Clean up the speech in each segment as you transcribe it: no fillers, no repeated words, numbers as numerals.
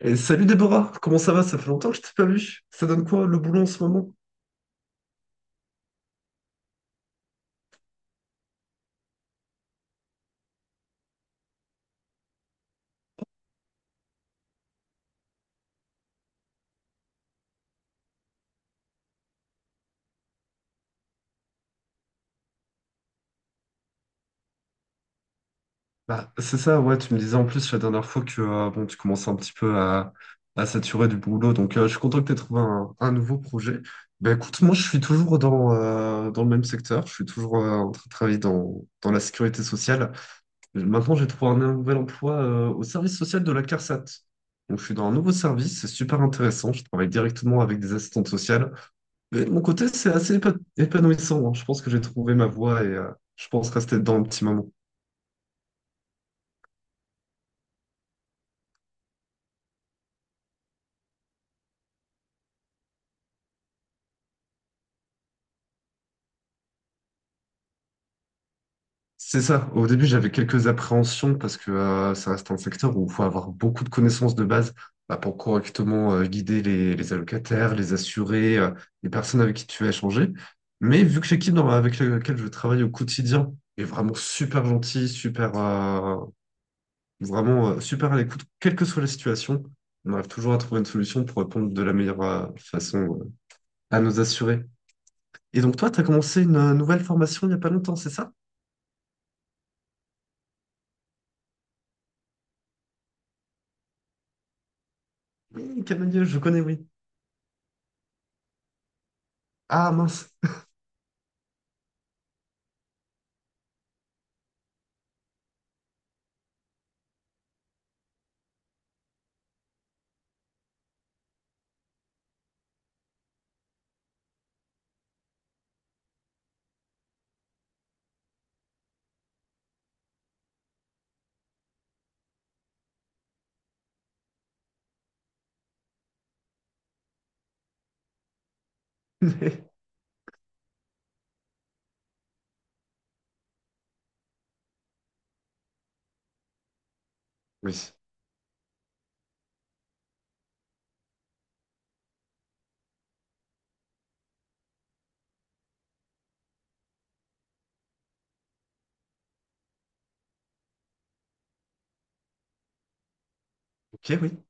Et salut Déborah, comment ça va? Ça fait longtemps que je t'ai pas vu. Ça donne quoi le boulot en ce moment? Bah, c'est ça, ouais, tu me disais en plus la dernière fois que bon, tu commençais un petit peu à saturer du boulot, donc je suis content que tu aies trouvé un nouveau projet. Bah écoute, moi je suis toujours dans le même secteur, je suis toujours en train de travailler dans la sécurité sociale. Maintenant j'ai trouvé un nouvel emploi au service social de la CARSAT. Donc je suis dans un nouveau service, c'est super intéressant, je travaille directement avec des assistantes sociales. Mais de mon côté, c'est assez épanouissant, hein. Je pense que j'ai trouvé ma voie et je pense rester dedans un petit moment. C'est ça. Au début, j'avais quelques appréhensions parce que ça reste un secteur où il faut avoir beaucoup de connaissances de base bah, pour correctement guider les allocataires, les assurés, les personnes avec qui tu vas échanger. Mais vu que l'équipe avec laquelle je travaille au quotidien est vraiment super gentille, super, vraiment super à l'écoute, quelle que soit la situation, on arrive toujours à trouver une solution pour répondre de la meilleure façon à nos assurés. Et donc toi, tu as commencé une nouvelle formation il n'y a pas longtemps, c'est ça? Oui, Canadieux, je connais, oui. Ah mince. Oui. Ok, oui.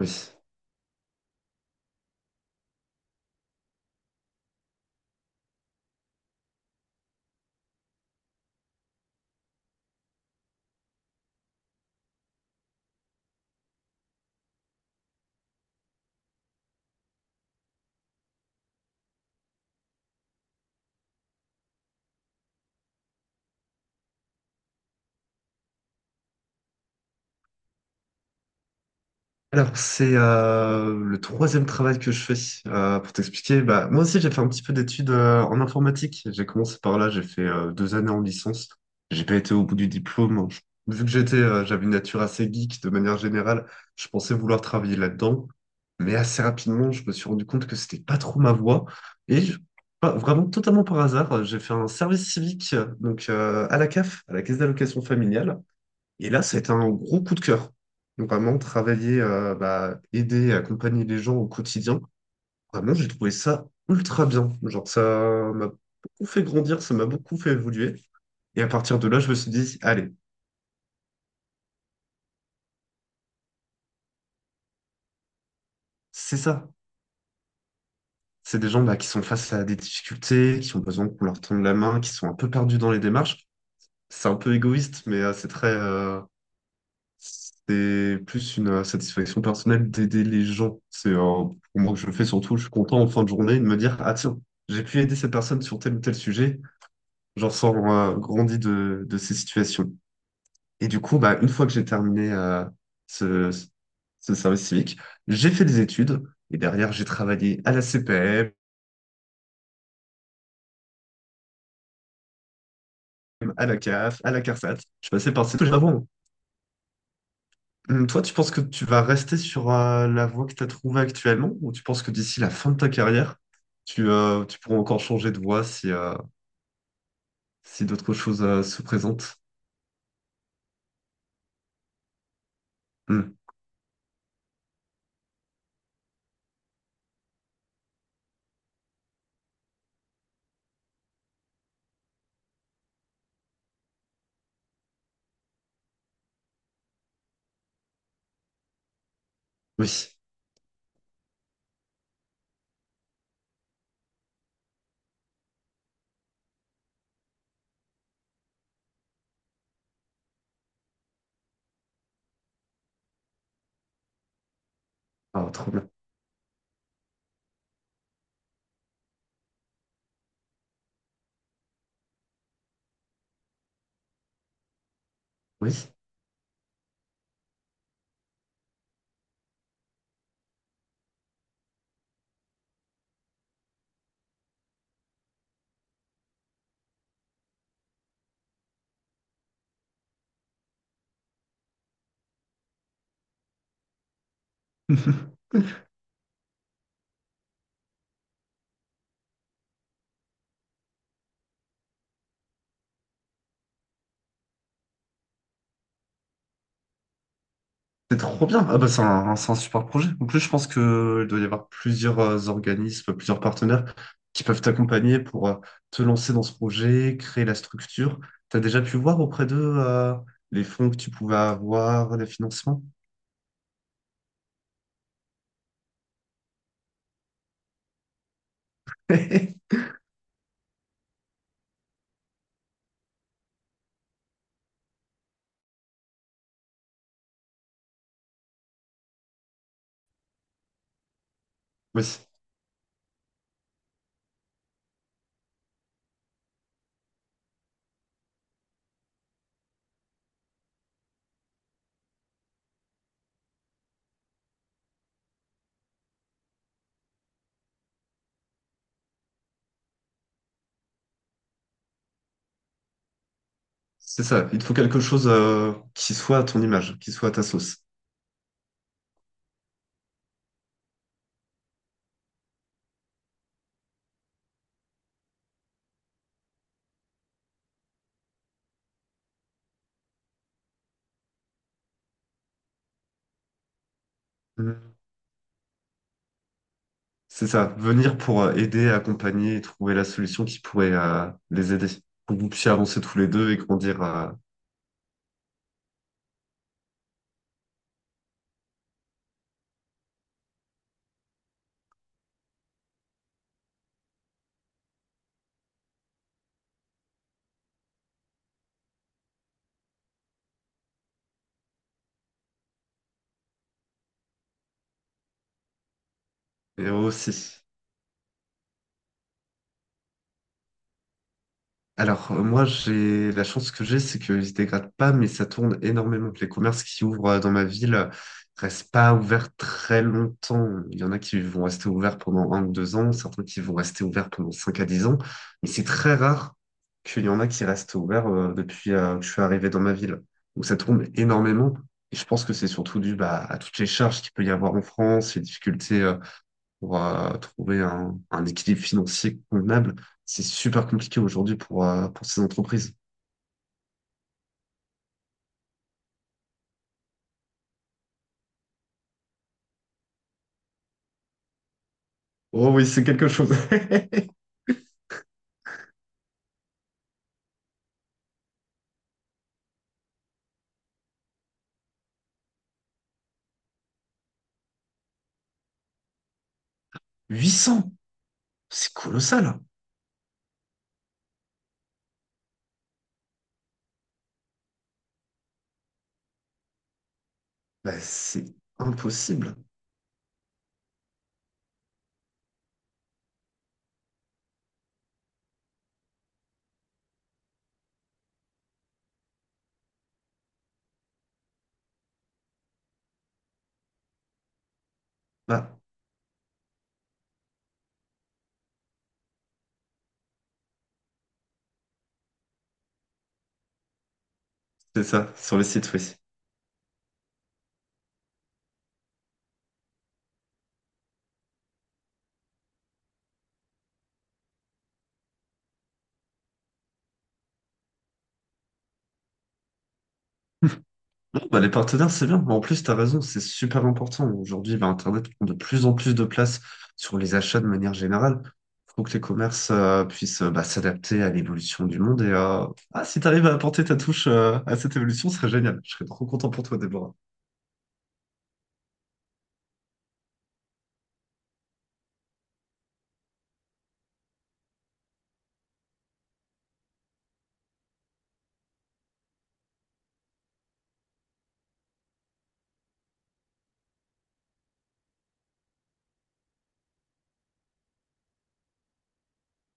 Oui. Alors, c'est le troisième travail que je fais. Pour t'expliquer, bah, moi aussi, j'ai fait un petit peu d'études en informatique. J'ai commencé par là, j'ai fait 2 années en licence. J'ai pas été au bout du diplôme. J'avais une nature assez geek de manière générale, je pensais vouloir travailler là-dedans. Mais assez rapidement, je me suis rendu compte que c'était pas trop ma voie. Et je- vraiment, totalement par hasard, j'ai fait un service civique donc à la CAF, à la Caisse d'allocation familiale. Et là, ça a été un gros coup de cœur. Donc, vraiment, travailler, bah, aider, accompagner les gens au quotidien. Vraiment, j'ai trouvé ça ultra bien. Genre, ça m'a beaucoup fait grandir, ça m'a beaucoup fait évoluer. Et à partir de là, je me suis dit, allez, c'est ça. C'est des gens bah, qui sont face à des difficultés, qui ont besoin qu'on leur tende la main, qui sont un peu perdus dans les démarches. C'est un peu égoïste, mais c'est plus une satisfaction personnelle d'aider les gens. C'est pour moi que je le fais surtout. Je suis content en fin de journée de me dire, ah tiens, j'ai pu aider cette personne sur tel ou tel sujet. J'en sors grandi de ces situations. Et du coup, bah, une fois que j'ai terminé ce, ce service civique, j'ai fait des études et derrière, j'ai travaillé à la CPM, à la CAF, à la CARSAT. Je suis passé par ces choses avant. Toi, tu penses que tu vas rester sur la voie que tu as trouvée actuellement ou tu penses que d'ici la fin de ta carrière, tu pourras encore changer de voie si d'autres choses se présentent? Hum. Oui. Ah, trop bien. Oui. C'est trop bien. Ah bah, c'est un super projet. En plus, je pense qu'il doit y avoir plusieurs organismes, plusieurs partenaires qui peuvent t'accompagner pour te lancer dans ce projet, créer la structure. Tu as déjà pu voir auprès d'eux les fonds que tu pouvais avoir, les financements? Oui. C'est ça, il te faut quelque chose qui soit à ton image, qui soit à ta sauce. Mm. C'est ça, venir pour aider, accompagner et trouver la solution qui pourrait les aider, pour que vous puissiez avancer tous les deux et grandir et eux aussi. Alors, moi, j'ai la chance que j'ai, c'est qu'ils ne se dégradent pas, mais ça tourne énormément. Les commerces qui ouvrent dans ma ville restent pas ouverts très longtemps. Il y en a qui vont rester ouverts pendant 1 ou 2 ans, certains qui vont rester ouverts pendant 5 à 10 ans, mais c'est très rare qu'il y en a qui restent ouverts depuis que je suis arrivé dans ma ville. Donc, ça tourne énormément. Et je pense que c'est surtout dû bah, à toutes les charges qu'il peut y avoir en France, les difficultés pour trouver un équilibre financier convenable, c'est super compliqué aujourd'hui pour ces entreprises. Oh oui, c'est quelque chose. 800, c'est colossal. Bah, c'est impossible. Bah, c'est ça, sur le site, oui. Bon, bah, les partenaires, c'est bien. En plus, tu as raison, c'est super important. Aujourd'hui, bah, Internet prend de plus en plus de place sur les achats de manière générale. Il faut que les commerces puissent bah, s'adapter à l'évolution du monde. Et ah, si tu arrives à apporter ta touche à cette évolution, ce serait génial. Je serais trop content pour toi, Déborah.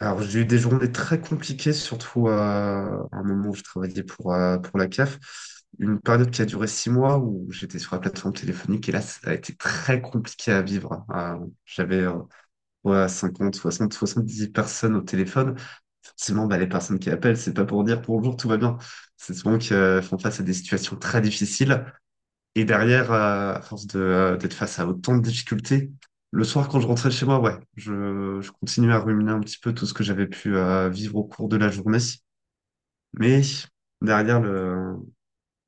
Alors, j'ai eu des journées très compliquées, surtout à un moment où je travaillais pour la CAF. Une période qui a duré 6 mois où j'étais sur la plateforme téléphonique et là, ça a été très compliqué à vivre. J'avais ouais, 50, 60, 70 personnes au téléphone. Forcément, bah, les personnes qui appellent, c'est pas pour dire bonjour, tout va bien. C'est souvent qu'elles font face à des situations très difficiles. Et derrière, à force d'être face à autant de difficultés, le soir, quand je rentrais chez moi, ouais, je continuais à ruminer un petit peu tout ce que j'avais pu vivre au cours de la journée. Mais derrière, le,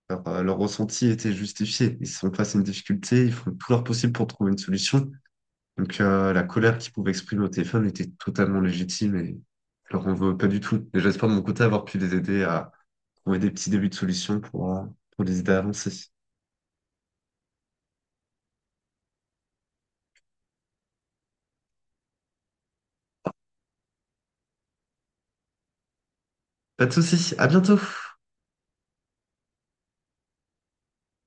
leur, leur ressenti était justifié. Ils sont face à une difficulté, ils font tout leur possible pour trouver une solution. Donc la colère qu'il pouvait exprimer au téléphone était totalement légitime et je leur en veux pas du tout. Et j'espère de mon côté avoir pu les aider à trouver des petits débuts de solutions pour les aider à avancer. Pas de soucis, à bientôt!